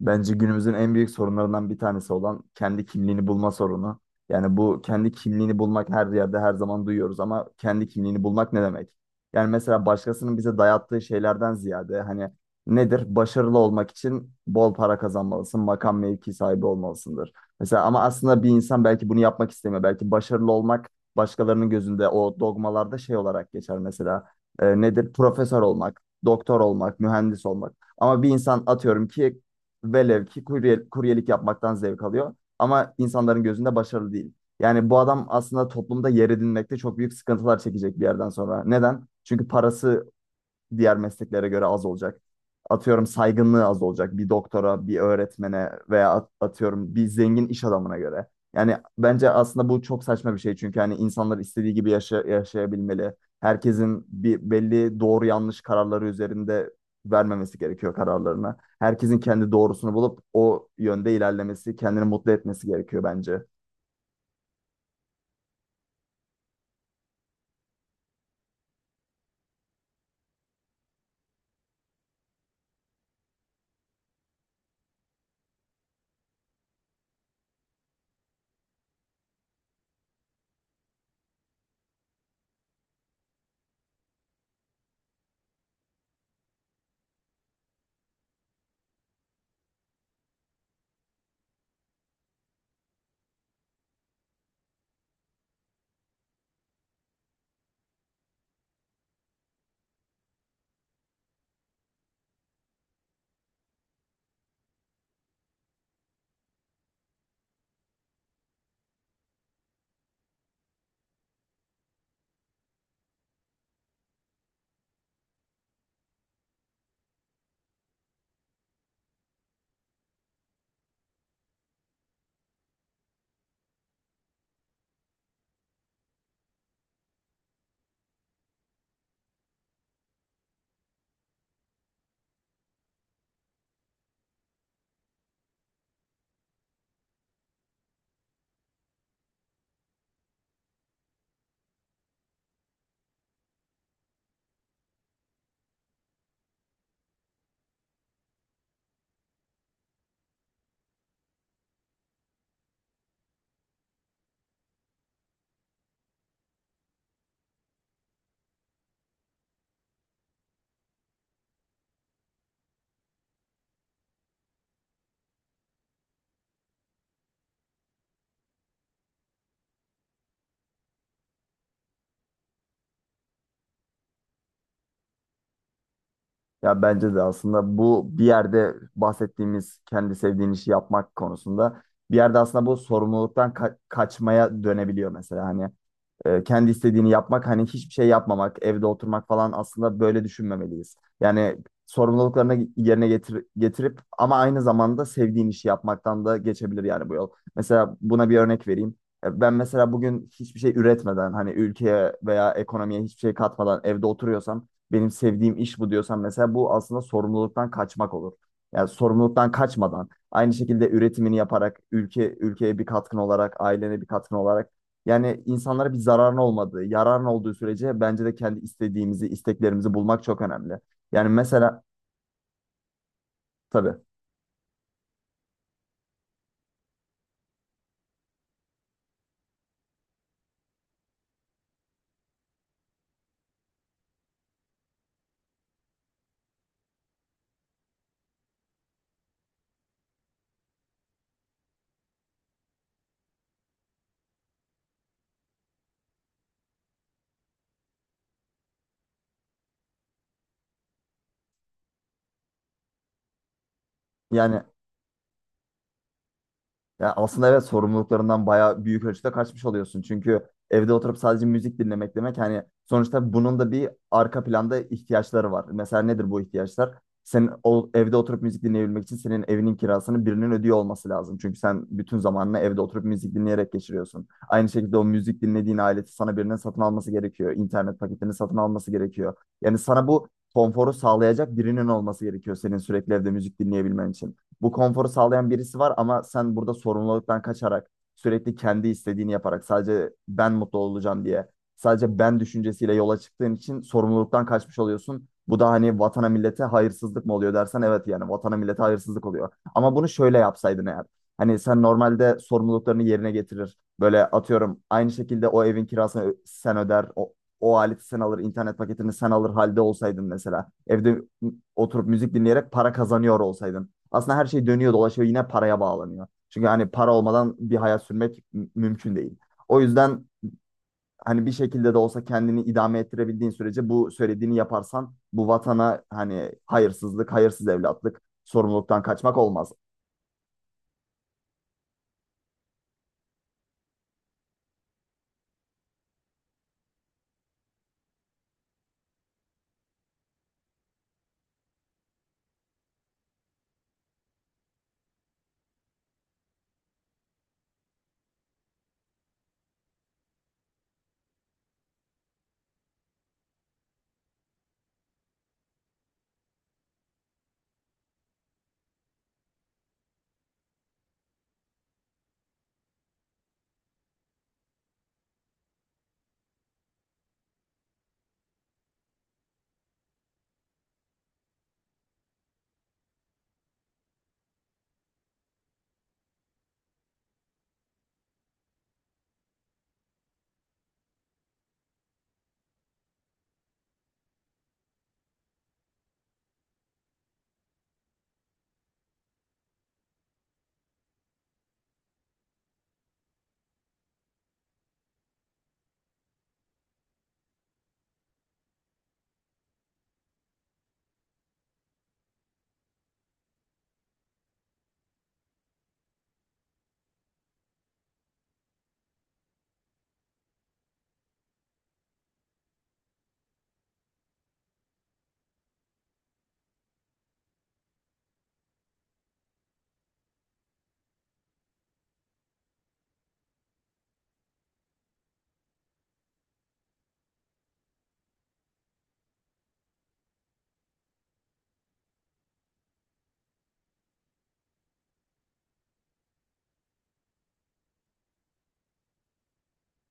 Bence günümüzün en büyük sorunlarından bir tanesi olan kendi kimliğini bulma sorunu. Yani bu kendi kimliğini bulmak her yerde her zaman duyuyoruz ama kendi kimliğini bulmak ne demek? Yani mesela başkasının bize dayattığı şeylerden ziyade hani nedir? Başarılı olmak için bol para kazanmalısın, makam mevki sahibi olmalısındır. Mesela ama aslında bir insan belki bunu yapmak istemiyor. Belki başarılı olmak başkalarının gözünde o dogmalarda şey olarak geçer mesela. Nedir? Profesör olmak, doktor olmak, mühendis olmak. Ama bir insan atıyorum ki velev ki kurye, kuryelik yapmaktan zevk alıyor. Ama insanların gözünde başarılı değil. Yani bu adam aslında toplumda yer edinmekte çok büyük sıkıntılar çekecek bir yerden sonra. Neden? Çünkü parası diğer mesleklere göre az olacak. Atıyorum saygınlığı az olacak bir doktora, bir öğretmene veya atıyorum bir zengin iş adamına göre. Yani bence aslında bu çok saçma bir şey çünkü hani insanlar istediği gibi yaşayabilmeli. Herkesin bir belli doğru yanlış kararları üzerinde vermemesi gerekiyor kararlarını. Herkesin kendi doğrusunu bulup o yönde ilerlemesi, kendini mutlu etmesi gerekiyor bence. Ya bence de aslında bu bir yerde bahsettiğimiz kendi sevdiğin işi yapmak konusunda bir yerde aslında bu sorumluluktan kaçmaya dönebiliyor mesela hani kendi istediğini yapmak hani hiçbir şey yapmamak, evde oturmak falan aslında böyle düşünmemeliyiz. Yani sorumluluklarını yerine getirip ama aynı zamanda sevdiğin işi yapmaktan da geçebilir yani bu yol. Mesela buna bir örnek vereyim. Ben mesela bugün hiçbir şey üretmeden hani ülkeye veya ekonomiye hiçbir şey katmadan evde oturuyorsam benim sevdiğim iş bu diyorsam mesela bu aslında sorumluluktan kaçmak olur. Yani sorumluluktan kaçmadan aynı şekilde üretimini yaparak ülkeye bir katkın olarak ailene bir katkın olarak yani insanlara bir zararın olmadığı, yararın olduğu sürece bence de kendi istediğimizi, isteklerimizi bulmak çok önemli. Yani mesela tabii yani ya aslında evet sorumluluklarından bayağı büyük ölçüde kaçmış oluyorsun. Çünkü evde oturup sadece müzik dinlemek demek hani sonuçta bunun da bir arka planda ihtiyaçları var. Mesela nedir bu ihtiyaçlar? Senin o, evde oturup müzik dinleyebilmek için senin evinin kirasını birinin ödüyor olması lazım. Çünkü sen bütün zamanını evde oturup müzik dinleyerek geçiriyorsun. Aynı şekilde o müzik dinlediğin aleti sana birinin satın alması gerekiyor. İnternet paketini satın alması gerekiyor. Yani sana bu konforu sağlayacak birinin olması gerekiyor senin sürekli evde müzik dinleyebilmen için bu konforu sağlayan birisi var ama sen burada sorumluluktan kaçarak sürekli kendi istediğini yaparak sadece ben mutlu olacağım diye sadece ben düşüncesiyle yola çıktığın için sorumluluktan kaçmış oluyorsun. Bu da hani vatana millete hayırsızlık mı oluyor dersen evet yani vatana millete hayırsızlık oluyor. Ama bunu şöyle yapsaydın eğer. Hani sen normalde sorumluluklarını yerine getirir. Böyle atıyorum aynı şekilde o evin kirasını sen öder. O aleti sen alır, internet paketini sen alır halde olsaydın mesela. Evde oturup müzik dinleyerek para kazanıyor olsaydın. Aslında her şey dönüyor dolaşıyor yine paraya bağlanıyor. Çünkü hani para olmadan bir hayat sürmek mümkün değil. O yüzden hani bir şekilde de olsa kendini idame ettirebildiğin sürece bu söylediğini yaparsan bu vatana hani hayırsızlık, hayırsız evlatlık, sorumluluktan kaçmak olmaz.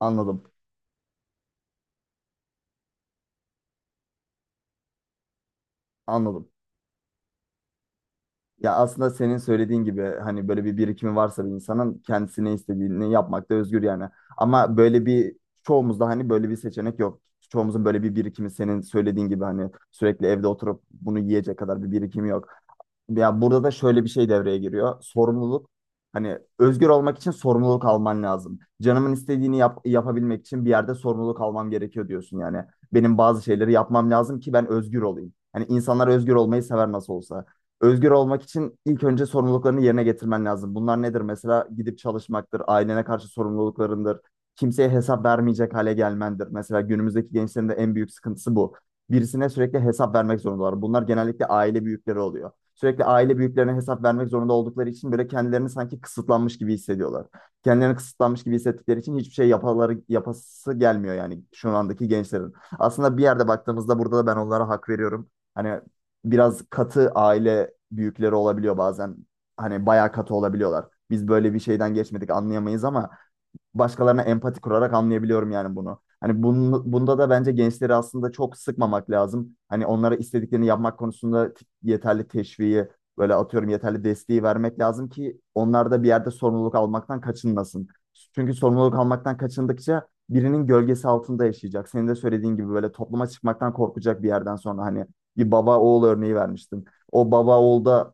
Anladım. Anladım. Ya aslında senin söylediğin gibi hani böyle bir birikimi varsa bir insanın kendisine istediğini yapmakta özgür yani. Ama böyle bir çoğumuzda hani böyle bir seçenek yok. Çoğumuzun böyle bir birikimi senin söylediğin gibi hani sürekli evde oturup bunu yiyecek kadar bir birikimi yok. Ya burada da şöyle bir şey devreye giriyor. Sorumluluk. Hani özgür olmak için sorumluluk alman lazım. Canımın istediğini yapabilmek için bir yerde sorumluluk almam gerekiyor diyorsun yani. Benim bazı şeyleri yapmam lazım ki ben özgür olayım. Hani insanlar özgür olmayı sever nasıl olsa. Özgür olmak için ilk önce sorumluluklarını yerine getirmen lazım. Bunlar nedir? Mesela gidip çalışmaktır, ailene karşı sorumluluklarındır, kimseye hesap vermeyecek hale gelmendir. Mesela günümüzdeki gençlerin de en büyük sıkıntısı bu. Birisine sürekli hesap vermek zorundalar. Bunlar genellikle aile büyükleri oluyor. Sürekli aile büyüklerine hesap vermek zorunda oldukları için böyle kendilerini sanki kısıtlanmış gibi hissediyorlar. Kendilerini kısıtlanmış gibi hissettikleri için hiçbir şey yapası gelmiyor yani şu andaki gençlerin. Aslında bir yerde baktığımızda burada da ben onlara hak veriyorum. Hani biraz katı aile büyükleri olabiliyor bazen. Hani bayağı katı olabiliyorlar. Biz böyle bir şeyden geçmedik anlayamayız ama başkalarına empati kurarak anlayabiliyorum yani bunu. Hani bunda da bence gençleri aslında çok sıkmamak lazım. Hani onlara istediklerini yapmak konusunda yeterli teşviği, böyle atıyorum yeterli desteği vermek lazım ki onlar da bir yerde sorumluluk almaktan kaçınmasın. Çünkü sorumluluk almaktan kaçındıkça birinin gölgesi altında yaşayacak. Senin de söylediğin gibi böyle topluma çıkmaktan korkacak bir yerden sonra hani bir baba oğul örneği vermiştin. O baba oğul da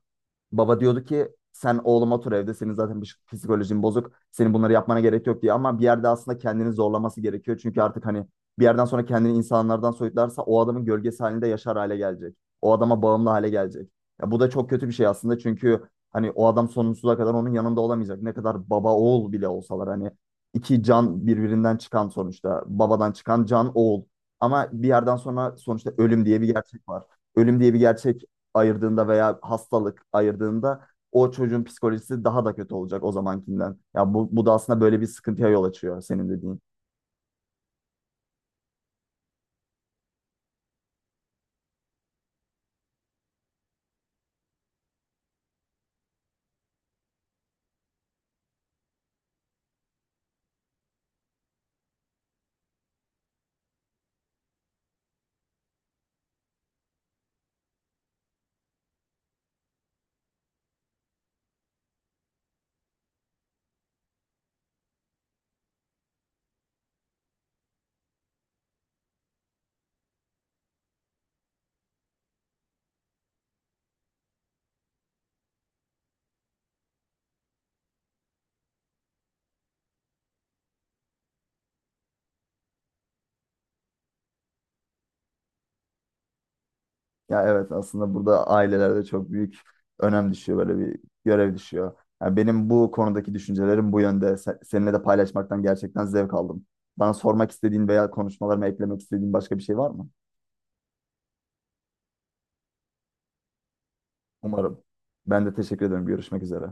baba diyordu ki sen oğlum otur evde senin zaten psikolojin bozuk. Senin bunları yapmana gerek yok diye ama bir yerde aslında kendini zorlaması gerekiyor. Çünkü artık hani bir yerden sonra kendini insanlardan soyutlarsa o adamın gölgesi halinde yaşar hale gelecek. O adama bağımlı hale gelecek. Ya bu da çok kötü bir şey aslında çünkü hani o adam sonsuza kadar onun yanında olamayacak. Ne kadar baba oğul bile olsalar hani iki can birbirinden çıkan sonuçta babadan çıkan can oğul. Ama bir yerden sonra sonuçta ölüm diye bir gerçek var. Ölüm diye bir gerçek ayırdığında veya hastalık ayırdığında o çocuğun psikolojisi daha da kötü olacak o zamankinden. Ya bu da aslında böyle bir sıkıntıya yol açıyor senin dediğin. Ya evet aslında burada ailelerde çok büyük önem düşüyor böyle bir görev düşüyor. Ya benim bu konudaki düşüncelerim bu yönde. Seninle de paylaşmaktan gerçekten zevk aldım. Bana sormak istediğin veya konuşmalarıma eklemek istediğin başka bir şey var mı? Umarım. Ben de teşekkür ederim. Görüşmek üzere.